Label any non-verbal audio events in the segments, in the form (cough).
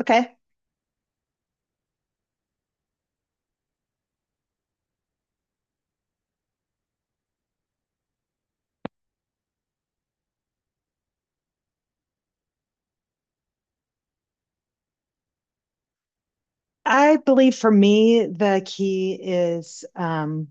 Okay. I believe for me, the key is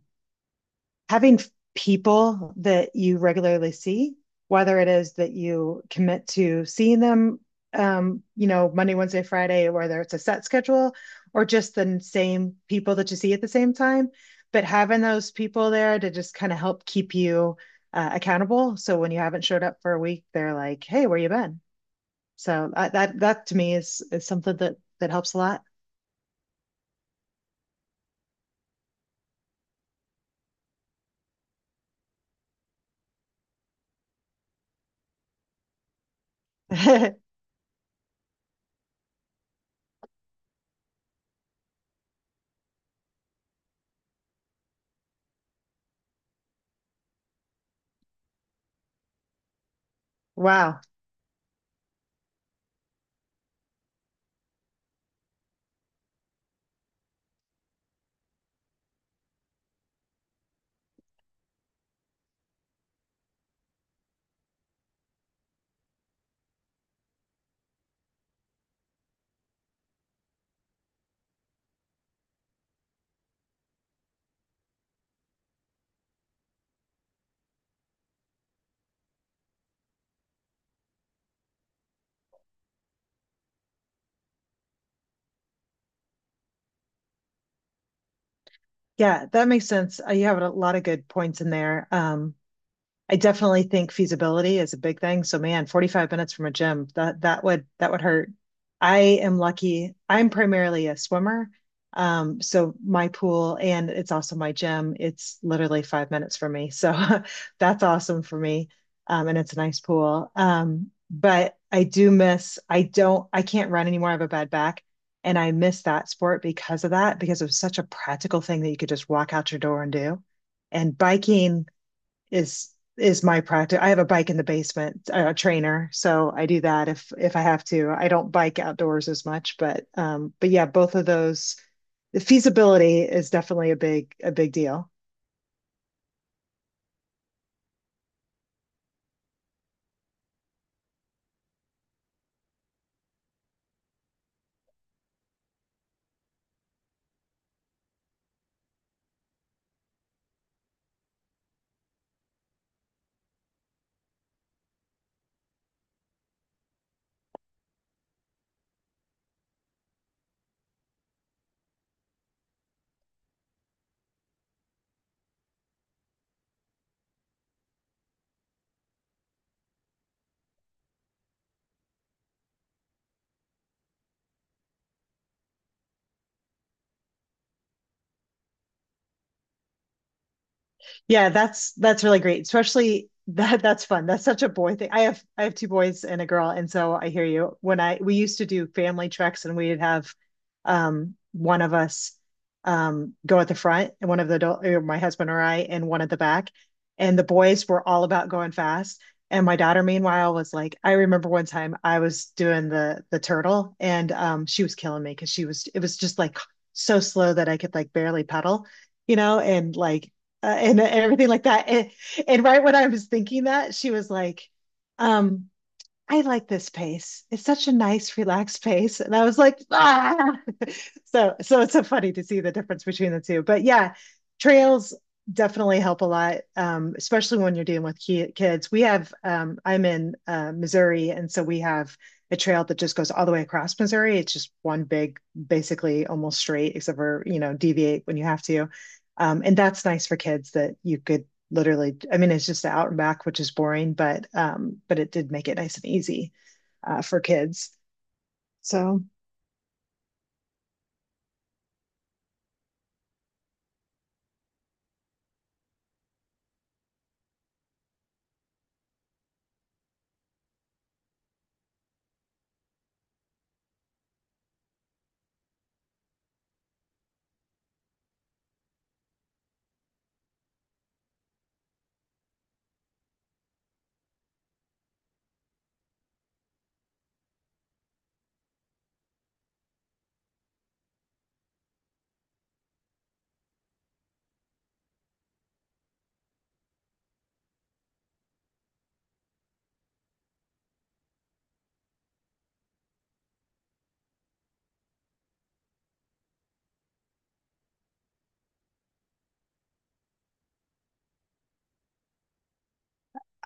having people that you regularly see, whether it is that you commit to seeing them, Monday, Wednesday, Friday, whether it's a set schedule or just the same people that you see at the same time. But having those people there to just kind of help keep you accountable. So when you haven't showed up for a week, they're like, "Hey, where you been?" So I, that that to me is something that helps a lot. (laughs) Wow. Yeah, that makes sense. You have a lot of good points in there. I definitely think feasibility is a big thing. So man, 45 minutes from a gym, that would hurt. I am lucky. I'm primarily a swimmer. So my pool and it's also my gym. It's literally 5 minutes from me. So (laughs) that's awesome for me. And it's a nice pool. But I do miss, I don't, I can't run anymore. I have a bad back. And I miss that sport because of that, because it was such a practical thing that you could just walk out your door and do. And biking, is is my practice. I have a bike in the basement, a trainer, so I do that if I have to. I don't bike outdoors as much, but but yeah, both of those. The feasibility is definitely a big deal. Yeah, that's really great. Especially that that's fun. That's such a boy thing. I have two boys and a girl, and so I hear you. When I we used to do family treks and we'd have one of us go at the front and one of the adult or my husband or I and one at the back. And the boys were all about going fast. And my daughter, meanwhile, was like, I remember one time I was doing the turtle and she was killing me because she was it was just like so slow that I could like barely pedal, and like and everything like that. And right when I was thinking that, she was like, um, I like this pace. It's such a nice, relaxed pace. And I was like, ah. (laughs) So it's so funny to see the difference between the two. But yeah, trails definitely help a lot, especially when you're dealing with ki kids. I'm in Missouri, and so we have a trail that just goes all the way across Missouri. It's just one big, basically almost straight, except for, deviate when you have to. And that's nice for kids that you could literally, I mean, it's just the out and back, which is boring, but but it did make it nice and easy for kids. So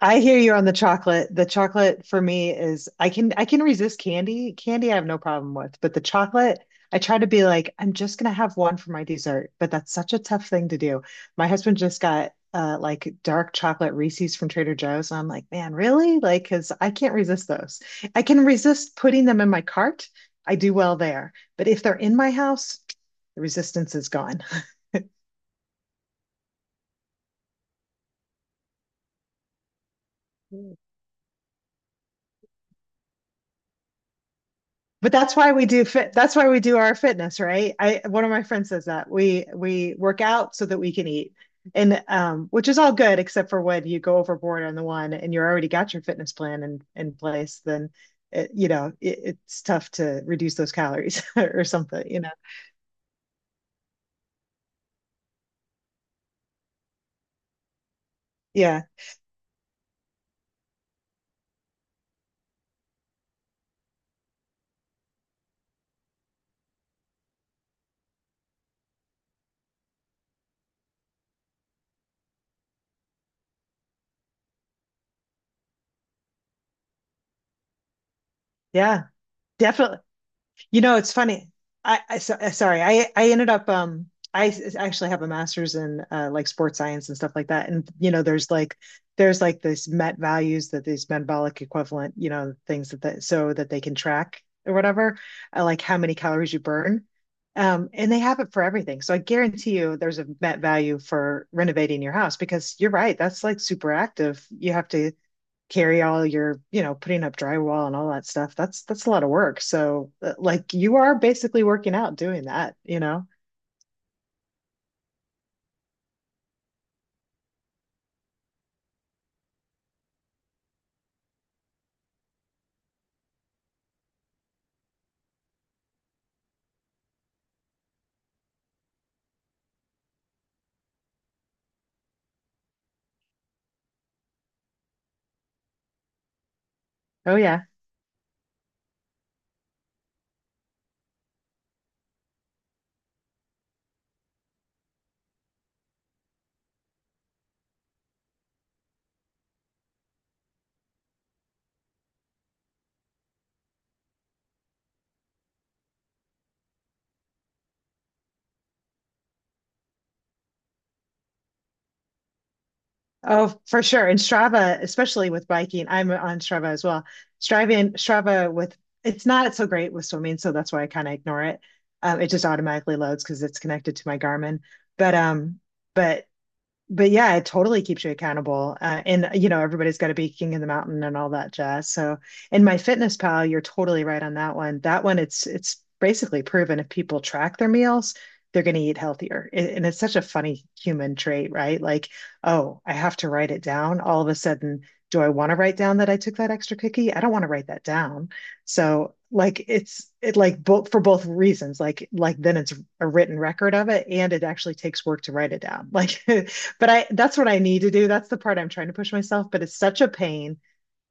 I hear you on the chocolate. The chocolate for me is I can resist candy. Candy I have no problem with, but the chocolate I try to be like I'm just gonna have one for my dessert, but that's such a tough thing to do. My husband just got like dark chocolate Reese's from Trader Joe's, and I'm like, man, really? Like, because I can't resist those. I can resist putting them in my cart. I do well there, but if they're in my house, the resistance is gone. Mm. But that's why we do fit. That's why we do our fitness, right? I One of my friends says that we work out so that we can eat, and which is all good except for when you go overboard on the one and you're already got your fitness plan in place, then it, you know it, it's tough to reduce those calories (laughs) or something. Yeah, yeah, definitely. You know, it's funny. I so, sorry. I ended up I actually have a master's in like sports science and stuff like that. And there's like this met values that these metabolic equivalent, things that so that they can track or whatever, like how many calories you burn. And they have it for everything. So I guarantee you there's a met value for renovating your house because you're right, that's like super active. You have to carry all your, putting up drywall and all that stuff. That's a lot of work. So like you are basically working out doing that, you know? Oh yeah. Oh, for sure. And Strava, especially with biking, I'm on Strava as well. Striving Strava with It's not so great with swimming, so that's why I kind of ignore it. It just automatically loads because it's connected to my Garmin. But um, but but yeah, it totally keeps you accountable. And everybody's got to be king of the mountain and all that jazz. So, in My Fitness Pal, you're totally right on that one. That one, it's basically proven if people track their meals, they're going to eat healthier. And it's such a funny human trait, right? Like, oh, I have to write it down. All of a sudden, do I want to write down that I took that extra cookie? I don't want to write that down. So, like, it's it like both for both reasons. Like then it's a written record of it, and it actually takes work to write it down. Like. (laughs) But I that's what I need to do. That's the part I'm trying to push myself, but it's such a pain,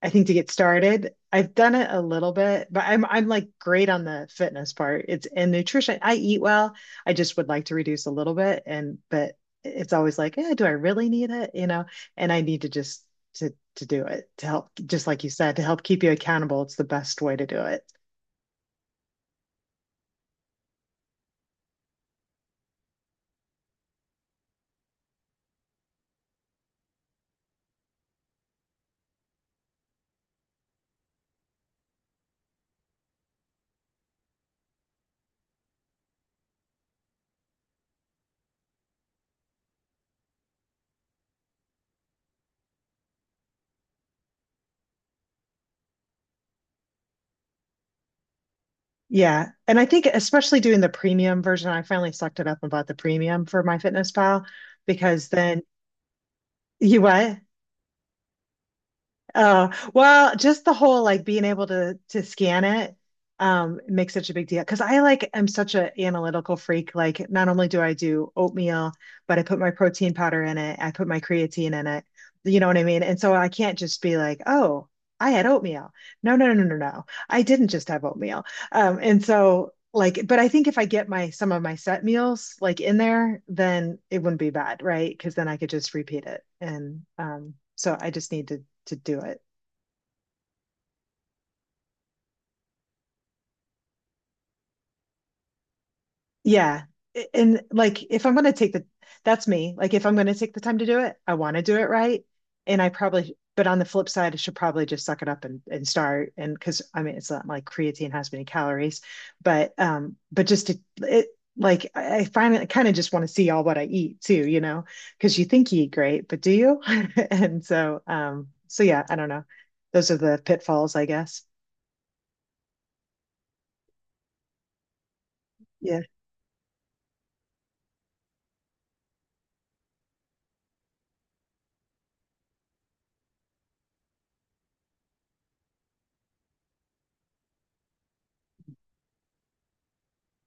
I think, to get started. I've done it a little bit, but I'm like great on the fitness part. It's and nutrition. I eat well. I just would like to reduce a little bit and but it's always like, eh, do I really need it? And I need to just to do it to help just like you said, to help keep you accountable. It's the best way to do it. Yeah. And I think especially doing the premium version, I finally sucked it up and bought the premium for My Fitness Pal because then you what? Uh, well, just the whole like being able to scan it makes such a big deal because I like am such a analytical freak. Like not only do I do oatmeal, but I put my protein powder in it, I put my creatine in it. You know what I mean? And so I can't just be like, oh, I had oatmeal. No, no, no, no, no. No. I didn't just have oatmeal. And so like, but I think if I get my some of my set meals like in there, then it wouldn't be bad, right? Because then I could just repeat it. And so I just need to do it. Yeah. And like if I'm going to take the, that's me. Like if I'm going to take the time to do it, I want to do it right. And I probably but on the flip side, I should probably just suck it up and start and because I mean it's not like creatine has many calories, but but just to it like I find I kind of just want to see all what I eat too, because you think you eat great, but do you? (laughs) And so yeah, I don't know. Those are the pitfalls, I guess. Yeah.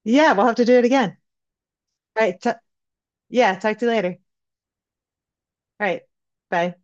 Yeah, we'll have to do it again. All right. T Yeah, talk to you later. All right. Bye.